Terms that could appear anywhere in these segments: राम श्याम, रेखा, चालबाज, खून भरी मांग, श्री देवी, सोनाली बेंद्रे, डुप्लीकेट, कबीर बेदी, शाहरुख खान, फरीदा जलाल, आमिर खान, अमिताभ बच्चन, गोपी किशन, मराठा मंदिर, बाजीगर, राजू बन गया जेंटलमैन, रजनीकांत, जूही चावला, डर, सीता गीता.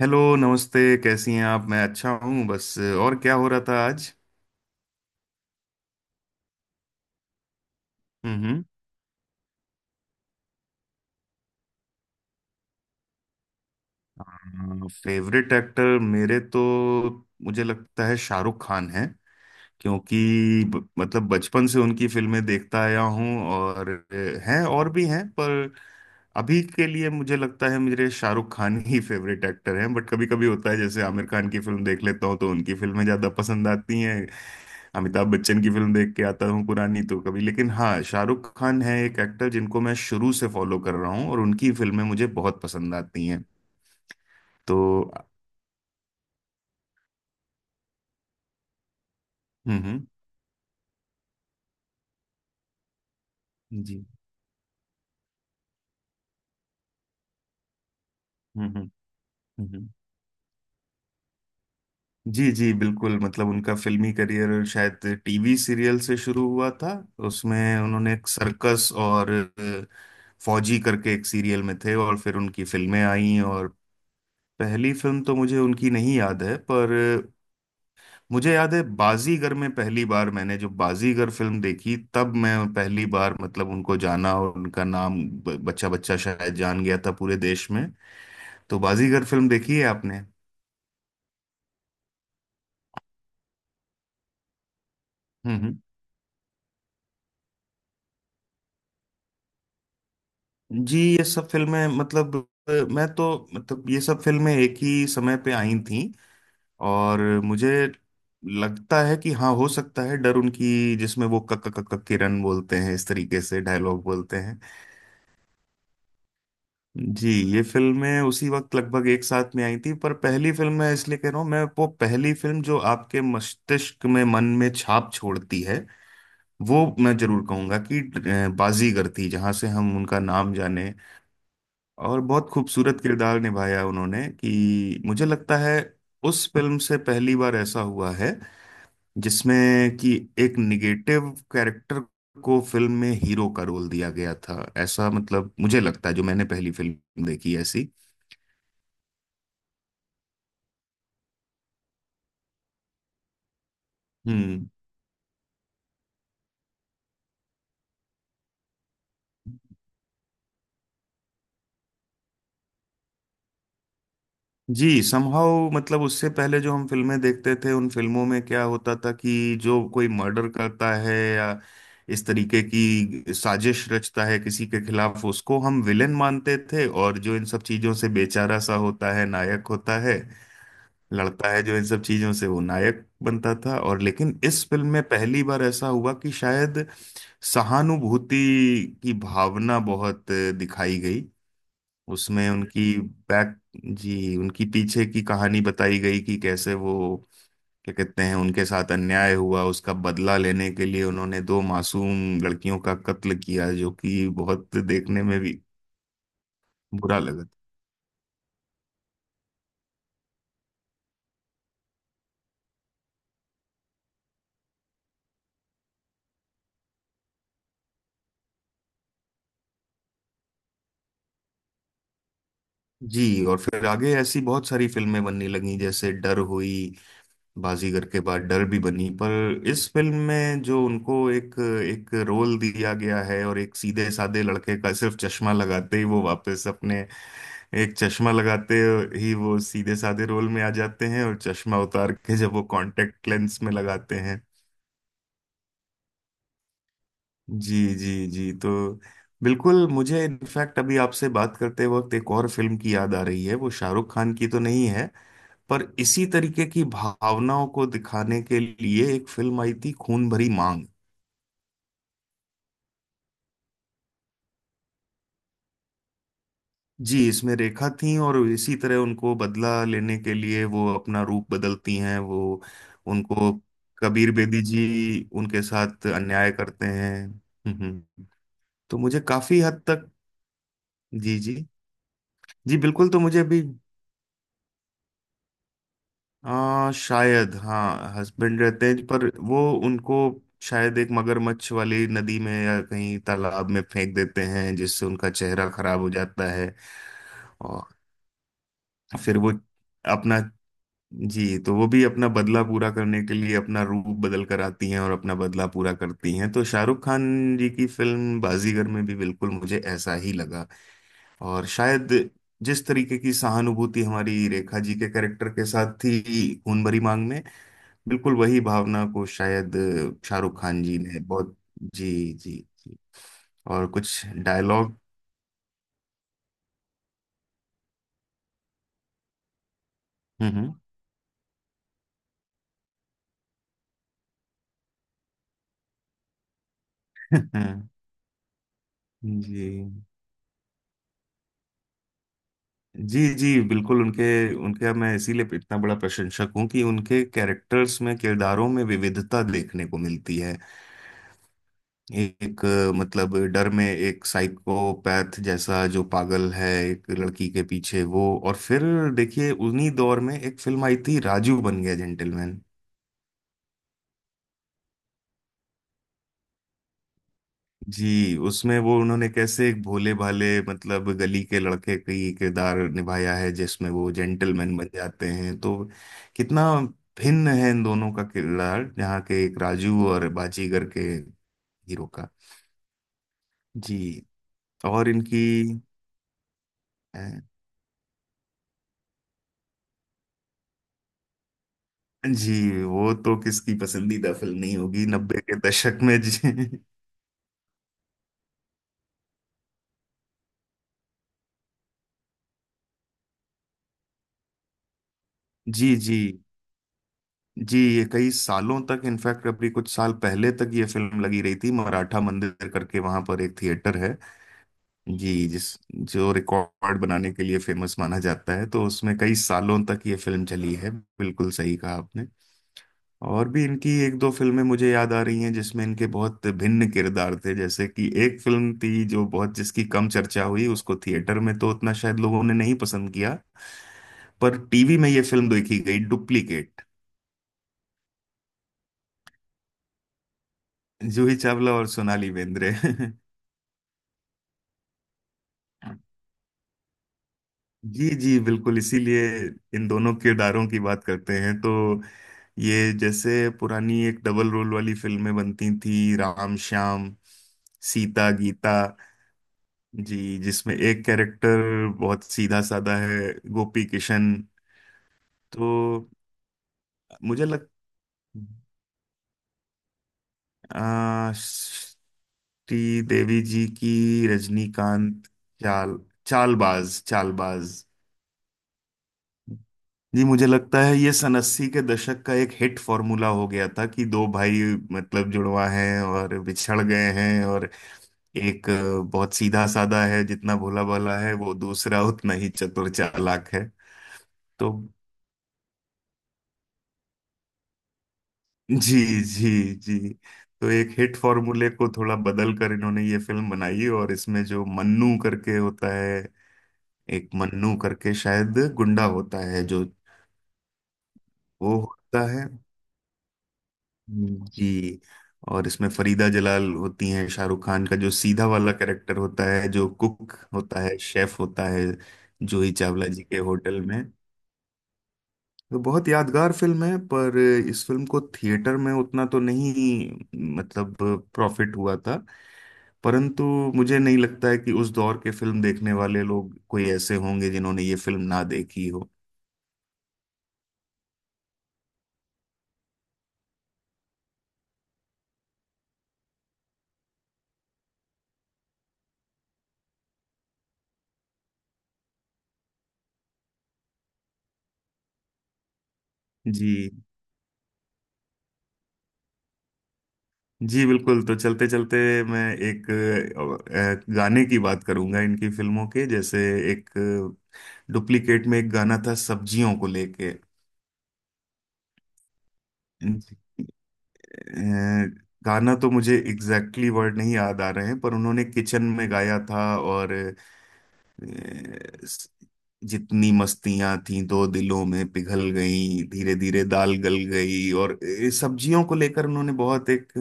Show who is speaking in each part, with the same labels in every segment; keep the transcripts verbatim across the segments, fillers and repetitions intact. Speaker 1: Hello नमस्ते। कैसी हैं आप? मैं अच्छा हूँ। बस और क्या हो रहा था आज? हम्म। फेवरेट एक्टर मेरे तो, मुझे लगता है शाहरुख खान है, क्योंकि ब, मतलब बचपन से उनकी फिल्में देखता आया हूँ और अ, हैं और भी हैं, पर अभी के लिए मुझे लगता है मेरे शाहरुख खान ही फेवरेट एक्टर हैं। बट कभी कभी होता है जैसे आमिर खान की फिल्म देख लेता हूँ तो उनकी फिल्में ज्यादा पसंद आती हैं। अमिताभ बच्चन की फिल्म देख के आता हूँ पुरानी तो कभी, लेकिन हाँ, शाहरुख खान है एक एक्टर जिनको मैं शुरू से फॉलो कर रहा हूँ और उनकी फिल्में मुझे बहुत पसंद आती हैं तो। हम्म हम्म। जी। हम्म हम्म। हम्म। जी जी बिल्कुल। मतलब उनका फिल्मी करियर शायद टीवी सीरियल से शुरू हुआ था। उसमें उन्होंने एक सर्कस और अ, फौजी करके एक सीरियल में थे, और फिर उनकी फिल्में आई और पहली फिल्म तो मुझे उनकी नहीं याद है, पर मुझे याद है बाजीगर में, पहली बार मैंने जो बाजीगर फिल्म देखी तब मैं पहली बार मतलब उनको जाना, और उनका नाम ब- बच्चा बच्चा शायद जान गया था पूरे देश में। तो बाजीगर फिल्म देखी है आपने? हम्म हम्म। जी, ये सब फिल्में मतलब अ, मैं तो मतलब ये सब फिल्में एक ही समय पे आई थीं। और मुझे लगता है कि हाँ, हो सकता है डर उनकी, जिसमें वो कक कक कक किरण बोलते हैं, इस तरीके से डायलॉग बोलते हैं। जी, ये फिल्में उसी वक्त लगभग एक साथ में आई थी पर पहली फिल्म मैं इसलिए कह रहा हूँ, मैं वो पहली फिल्म जो आपके मस्तिष्क में मन में छाप छोड़ती है, वो मैं जरूर कहूंगा कि अ, बाजीगर थी, जहां से हम उनका नाम जाने। और बहुत खूबसूरत किरदार निभाया उन्होंने कि मुझे लगता है उस फिल्म से पहली बार ऐसा हुआ है जिसमें कि एक निगेटिव कैरेक्टर को फिल्म में हीरो का रोल दिया गया था, ऐसा मतलब मुझे लगता है, जो मैंने पहली फिल्म देखी ऐसी। हम्म। जी, समहाउ मतलब उससे पहले जो हम फिल्में देखते थे, उन फिल्मों में क्या होता था कि जो कोई मर्डर करता है या इस तरीके की साजिश रचता है किसी के खिलाफ, उसको हम विलेन मानते थे, और जो इन सब चीजों से बेचारा सा होता है नायक होता है, लड़ता है जो इन सब चीजों से वो नायक बनता था। और लेकिन इस फिल्म में पहली बार ऐसा हुआ कि शायद सहानुभूति की भावना बहुत दिखाई गई। उसमें उनकी बैक, जी, उनकी पीछे की कहानी बताई गई कि कैसे वो, क्या कहते हैं, उनके साथ अन्याय हुआ, उसका बदला लेने के लिए उन्होंने दो मासूम लड़कियों का कत्ल किया जो कि बहुत देखने में भी बुरा लगा। जी। और फिर आगे ऐसी बहुत सारी फिल्में बनने लगी जैसे डर हुई। बाजीगर के बाद डर भी बनी, पर इस फिल्म में जो उनको एक एक रोल दिया गया है, और एक सीधे साधे लड़के का सिर्फ चश्मा लगाते ही वो वापस अपने, एक चश्मा लगाते ही वो सीधे साधे रोल में आ जाते हैं, और चश्मा उतार के जब वो कांटेक्ट लेंस में लगाते हैं। जी जी जी। तो बिल्कुल, मुझे इनफैक्ट अभी आपसे बात करते वक्त एक और फिल्म की याद आ रही है, वो शाहरुख खान की तो नहीं है, पर इसी तरीके की भावनाओं को दिखाने के लिए एक फिल्म आई थी, खून भरी मांग। जी, इसमें रेखा थी, और इसी तरह उनको बदला लेने के लिए वो अपना रूप बदलती हैं, वो उनको, कबीर बेदी जी उनके साथ अन्याय करते हैं। हम्म हम्म। तो मुझे काफी हद तक। जी जी जी बिल्कुल। तो मुझे अभी आ, शायद हाँ, हस्बैंड रहते हैं, पर वो उनको शायद एक मगरमच्छ वाली नदी में या कहीं तालाब में फेंक देते हैं, जिससे उनका चेहरा खराब हो जाता है। और फिर वो अपना, जी, तो वो भी अपना बदला पूरा करने के लिए अपना रूप बदल कर आती हैं और अपना बदला पूरा करती हैं। तो शाहरुख खान जी की फिल्म बाजीगर में भी बिल्कुल मुझे ऐसा ही लगा। और शायद जिस तरीके की सहानुभूति हमारी रेखा जी के कैरेक्टर के साथ थी खून भरी मांग में, बिल्कुल वही भावना को शायद शाहरुख खान जी ने बहुत। जी जी जी। और कुछ डायलॉग। हम्म हम्म। जी जी जी बिल्कुल। उनके उनके मैं इसीलिए इतना बड़ा प्रशंसक हूँ कि उनके कैरेक्टर्स में, किरदारों में विविधता देखने को मिलती है। एक अ, मतलब डर में एक साइकोपैथ जैसा, जो पागल है एक लड़की के पीछे, वो। और फिर देखिए उन्हीं दौर में एक फिल्म आई थी, राजू बन गया जेंटलमैन। जी, उसमें वो उन्होंने कैसे एक भोले भाले मतलब गली के लड़के का ही किरदार निभाया है, जिसमें वो जेंटलमैन बन जाते हैं। तो कितना भिन्न है इन दोनों का किरदार, यहाँ के एक राजू और बाजीगर के हीरो का। जी। और इनकी अ, जी, वो तो किसकी पसंदीदा फिल्म नहीं होगी नब्बे के दशक में, जी। जी जी। जी, ये कई सालों तक, इनफैक्ट अभी कुछ साल पहले तक ये फिल्म लगी रही थी, मराठा मंदिर करके वहां पर एक थिएटर है जी, जिस जो रिकॉर्ड बनाने के लिए फेमस माना जाता है, तो उसमें कई सालों तक ये फिल्म चली है। बिल्कुल सही कहा आपने। और भी इनकी एक दो फिल्में मुझे याद आ रही हैं जिसमें इनके बहुत भिन्न किरदार थे, जैसे कि एक फिल्म थी, जो बहुत, जिसकी कम चर्चा हुई, उसको थिएटर में तो उतना शायद लोगों ने नहीं पसंद किया, पर टीवी में ये फिल्म देखी गई, डुप्लीकेट, जूही चावला और सोनाली बेंद्रे। जी जी बिल्कुल, इसीलिए इन दोनों किरदारों की बात करते हैं तो ये, जैसे पुरानी एक डबल रोल वाली फिल्में बनती थी राम श्याम, सीता गीता, जी, जिसमें एक कैरेक्टर बहुत सीधा साधा है, गोपी किशन। तो मुझे लग आ, श्री देवी जी की, रजनीकांत, चाल चालबाज चालबाज। जी, मुझे लगता है ये सन अस्सी के दशक का एक हिट फॉर्मूला हो गया था कि दो भाई मतलब जुड़वा हैं और बिछड़ गए हैं, और एक अ, बहुत सीधा साधा है, जितना भोला भाला है वो, दूसरा उतना ही चतुर चालाक है तो। जी जी जी। तो एक हिट फॉर्मूले को थोड़ा बदल कर इन्होंने ये फिल्म बनाई, और इसमें जो मन्नू करके होता है, एक मन्नू करके शायद गुंडा होता है जो, वो होता है। जी, और इसमें फरीदा जलाल होती हैं, शाहरुख खान का जो सीधा वाला कैरेक्टर होता है, जो कुक होता है, शेफ होता है, जूही चावला जी के होटल में। तो बहुत यादगार फिल्म है, पर इस फिल्म को थिएटर में उतना तो नहीं, मतलब प्रॉफिट हुआ था, परंतु मुझे नहीं लगता है कि उस दौर के फिल्म देखने वाले लोग कोई ऐसे होंगे जिन्होंने ये फिल्म ना देखी हो। जी जी बिल्कुल। तो चलते चलते मैं एक अ, अ, गाने की बात करूंगा इनकी फिल्मों के, जैसे एक डुप्लीकेट में एक गाना था सब्जियों को लेके। जी। अ, गाना तो मुझे एग्जैक्टली exactly वर्ड नहीं याद आ रहे हैं, पर उन्होंने किचन में गाया था, और अ, स- जितनी मस्तियां थी दो दिलों में, पिघल गई धीरे धीरे, दाल गल गई, और अ, सब्जियों को लेकर उन्होंने बहुत एक।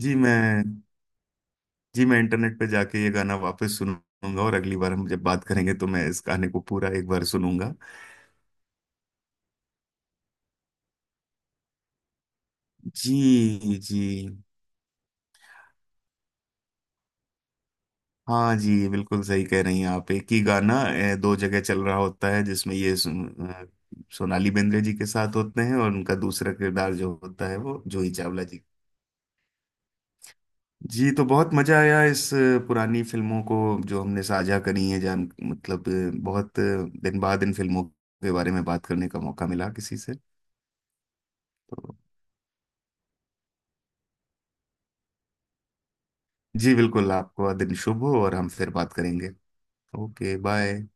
Speaker 1: जी, मैं, जी मैं इंटरनेट पे जाके ये गाना वापस सुनूंगा, और अगली बार हम जब बात करेंगे तो मैं इस गाने को पूरा एक बार सुनूंगा। जी जी। हाँ जी, बिल्कुल सही कह रही हैं आप, एक ही गाना ए, दो जगह चल रहा होता है, जिसमें ये सुन, अ, सोनाली बेंद्रे जी के साथ होते हैं, और उनका दूसरा किरदार जो होता है वो जूही चावला जी। जी, तो बहुत मजा आया इस अ, पुरानी फिल्मों को जो हमने साझा करी है, जान मतलब अ, बहुत अ, दिन बाद इन फिल्मों के बारे में बात करने का मौका मिला किसी से। तो जी बिल्कुल, आपका दिन शुभ हो, और हम फिर बात करेंगे। Okay, bye.